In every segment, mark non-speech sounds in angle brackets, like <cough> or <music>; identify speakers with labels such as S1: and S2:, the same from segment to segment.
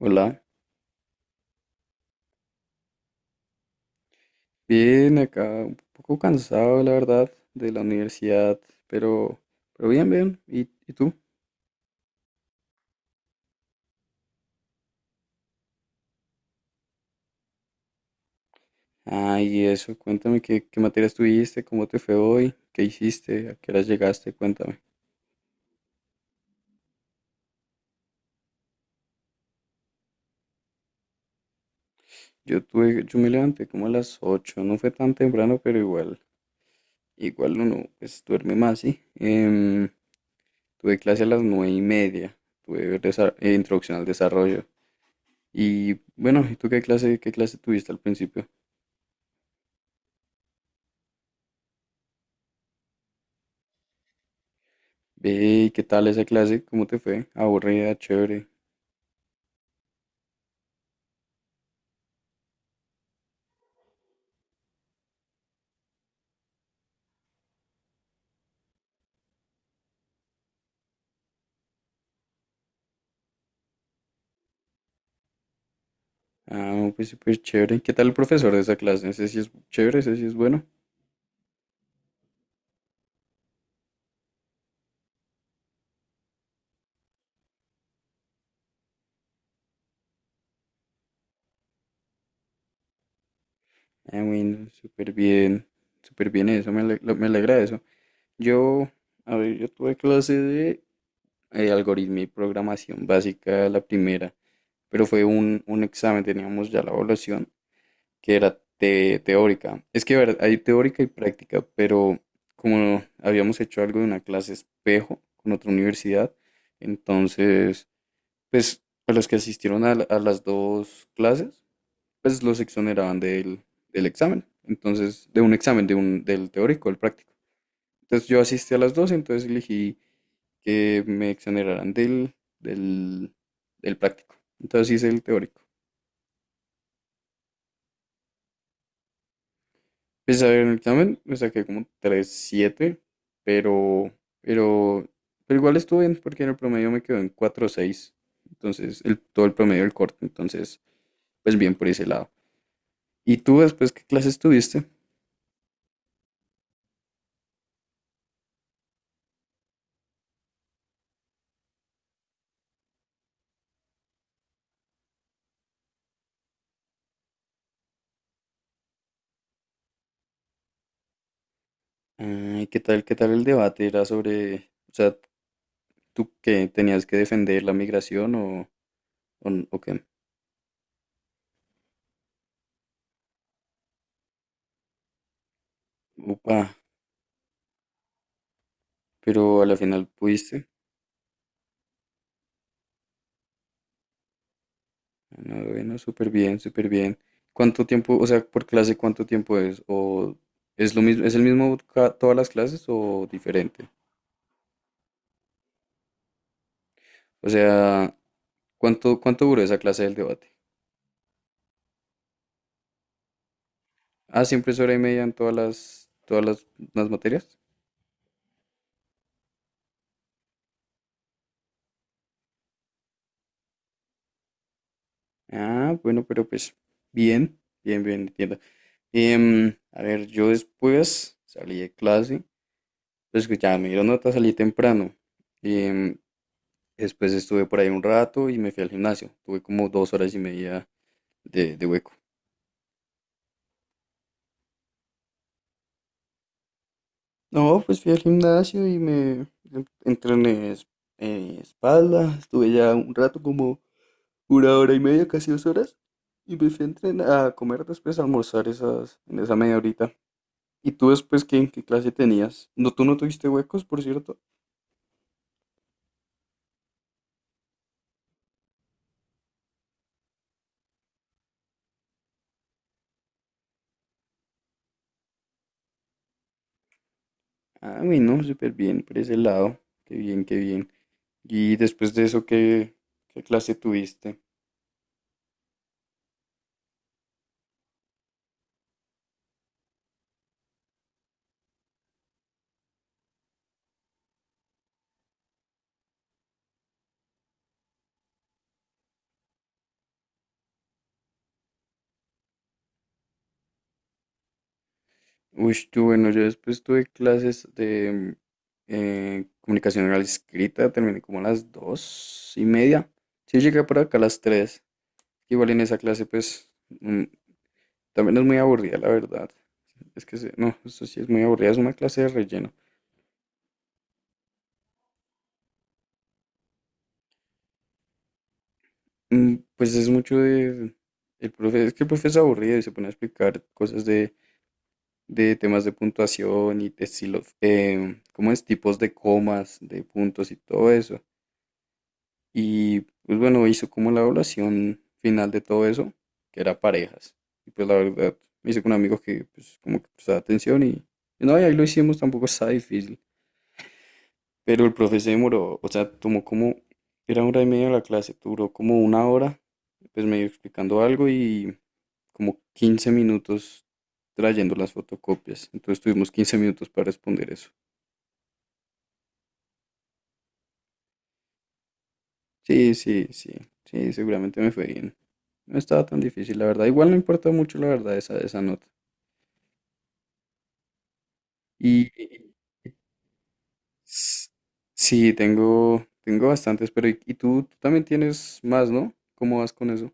S1: Hola, bien acá, un poco cansado la verdad de la universidad, pero, pero bien, bien. Y tú? Ah, y eso, cuéntame qué, qué materias tuviste, cómo te fue hoy, qué hiciste, a qué horas llegaste, cuéntame. Yo tuve, yo me levanté como a las 8. No fue tan temprano, pero igual, igual uno pues duerme más, ¿sí? Tuve clase a las nueve y media, tuve introducción al desarrollo. Y bueno, ¿y tú qué clase tuviste al principio? Ve, ¿y qué tal esa clase? ¿Cómo te fue? ¿Aburrida, chévere? Ah, no, pues súper chévere. ¿Qué tal el profesor de esa clase? Ese sí es chévere, ese sí es bueno. Ah, bueno, súper bien. Súper bien eso, me alegra eso. Yo, a ver, yo tuve clase de algoritmo y programación básica, la primera, pero fue un examen, teníamos ya la evaluación. Que era teórica. Es que a ver, hay teórica y práctica, pero como habíamos hecho algo de una clase espejo con otra universidad, entonces, pues a los que asistieron a, a las dos clases, pues los exoneraban del, del examen. Entonces, de un examen, de un, del teórico, del práctico. Entonces yo asistí a las dos, entonces elegí que me exoneraran del, del, del práctico. Entonces hice el teórico. Pues a ver, en el examen me saqué como 3.7, pero, pero, pero igual estuvo bien porque en el promedio me quedó en 4.6. Entonces, el, todo el promedio del corte. Entonces, pues bien por ese lado. ¿Y tú después qué clases tuviste? Ay, qué tal el debate? ¿Era sobre, o sea, tú que tenías que defender la migración o qué? Upa, pero a la final pudiste. No, bueno, súper bien, súper bien. ¿Cuánto tiempo, o sea, por clase, cuánto tiempo es? ¿O es lo mismo, es el mismo todas las clases o diferente? O sea, ¿cuánto, cuánto duró esa clase del debate? Ah, siempre es hora y media en todas las materias. Ah, bueno, pero pues, bien, bien, bien, entiendo. A ver, yo después salí de clase, pues que ya me dieron nota, salí temprano. Em, Después estuve por ahí un rato y me fui al gimnasio. Tuve como dos horas y media de hueco. No, pues fui al gimnasio y entrené espalda. Estuve ya un rato, como una hora y media, casi dos horas. Y me fui a entrenar, a comer después, a almorzar esas, en esa media horita. ¿Y tú después qué, qué clase tenías? ¿No, tú no tuviste huecos, por cierto? Ah, no, súper bien por ese lado. Qué bien, qué bien. ¿Y después de eso qué, qué clase tuviste? Uy, yo, bueno, yo después tuve clases de comunicación oral escrita, terminé como a las dos y media. Sí, llegué por acá a las tres. Igual en esa clase, pues, mm, también es muy aburrida, la verdad. Es que, no, eso sí es muy aburrida, es una clase de relleno. Mm, pues es mucho de... El profe, es que el profe es aburrido y se pone a explicar cosas de temas de puntuación y de estilos, ¿cómo es? Tipos de comas, de puntos y todo eso. Y pues bueno, hizo como la evaluación final de todo eso, que era parejas. Y pues la verdad, me hice con un amigo que pues como que prestaba atención y no, y ahí lo hicimos, tampoco estaba difícil. Pero el profe se demoró, o sea, tomó como, era una hora y media la clase, duró como una hora, pues medio explicando algo y como 15 minutos trayendo las fotocopias. Entonces tuvimos 15 minutos para responder eso. Sí, sí, sí, sí, seguramente me fue bien. No estaba tan difícil, la verdad. Igual no importa mucho, la verdad, esa nota. Y s- sí, tengo, tengo bastantes, pero y tú también tienes más, ¿no? ¿Cómo vas con eso?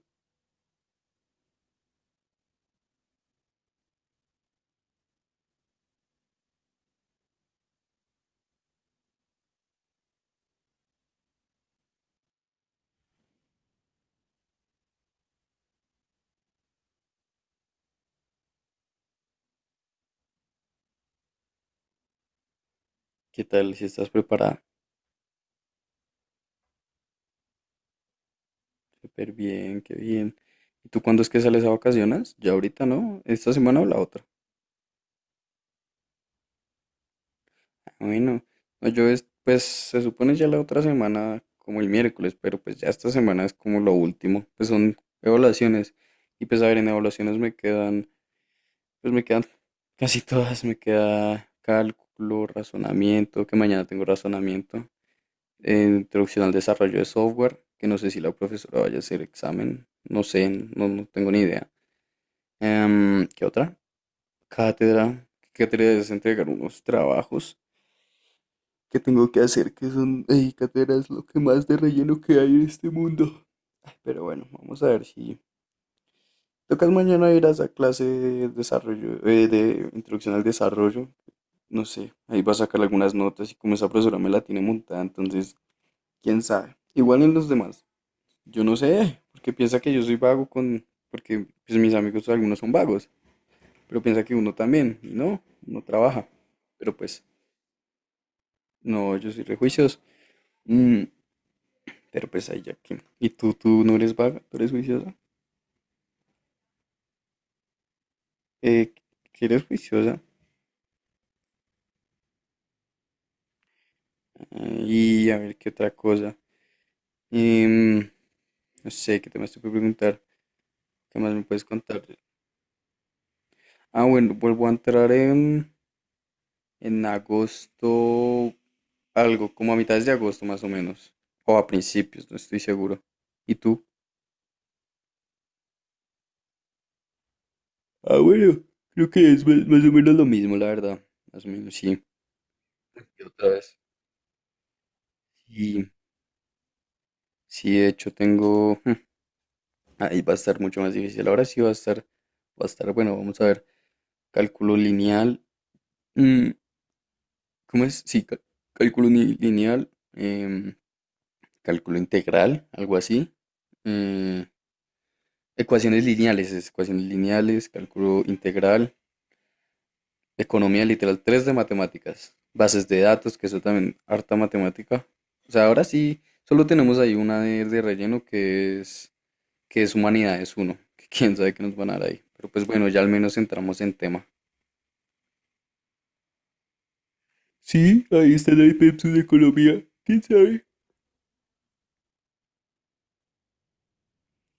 S1: ¿Qué tal? Si estás preparada. Súper bien, qué bien. ¿Y tú cuándo es que sales a vacaciones? Ya ahorita, ¿no? ¿Esta semana o la otra? Ah, bueno, no, yo es, pues se supone ya la otra semana como el miércoles, pero pues ya esta semana es como lo último. Pues son evaluaciones. Y pues a ver, en evaluaciones me quedan, pues me quedan casi todas. Me queda cálculo, razonamiento, que mañana tengo razonamiento, introducción al desarrollo de software, que no sé si la profesora vaya a hacer examen, no sé, no, no tengo ni idea. ¿Qué otra? Cátedra, que cátedra es entregar unos trabajos que tengo que hacer, que son, ey, cátedra es lo que más de relleno que hay en este mundo. Pero bueno, vamos a ver si... Tocas mañana ir a esa clase de desarrollo, de introducción al desarrollo. No sé, ahí va a sacar algunas notas y como esa profesora me la tiene montada, entonces, quién sabe. Igual en los demás, yo no sé, porque piensa que yo soy vago con, porque pues, mis amigos algunos son vagos, pero piensa que uno también, y no, uno trabaja. Pero pues, no, yo soy rejuicioso. Mm, pero pues ahí ya que. ¿Y tú no eres vaga? ¿Tú eres juiciosa? Eh, que eres juiciosa. Ah, y a ver qué otra cosa. Em, no sé, ¿qué te más te puedo preguntar? ¿Qué más me puedes contar? Ah, bueno, vuelvo a entrar en... En agosto, algo, como a mitades de agosto más o menos, o a principios, no estoy seguro. ¿Y tú? Ah, bueno, creo que es más, más o menos lo mismo, la verdad. Más o menos, sí. ¿Y otra vez? Sí, sí, de hecho tengo... <laughs> Ahí va a estar mucho más difícil. Ahora sí va a estar, bueno, vamos a ver. Cálculo lineal. Mm, ¿cómo es? Sí, cálculo lineal. Cálculo integral, algo así. eh, Ecuaciones lineales, es ecuaciones lineales, cálculo integral, economía literal, 3 de matemáticas, bases de datos, que eso también, harta matemática. O sea, ahora sí, solo tenemos ahí una de relleno que es humanidades uno, que <laughs> quién sabe qué nos van a dar ahí. Pero pues bueno, ya al menos entramos en tema. Sí, ahí está la IPEPSU de Colombia. ¿Quién sabe?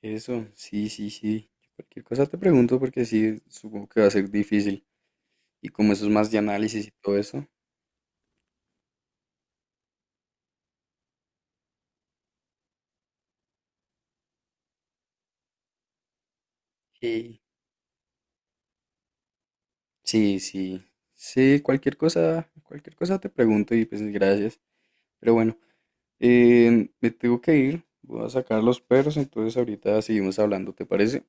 S1: Eso, sí, sí, sí. Cualquier cosa te pregunto porque sí, supongo que va a ser difícil. Y como eso es más de análisis y todo eso. Sí. Sí, sí, sí, cualquier cosa te pregunto y pues gracias. Pero bueno, me tengo que ir, voy a sacar los perros, entonces ahorita seguimos hablando, ¿te parece?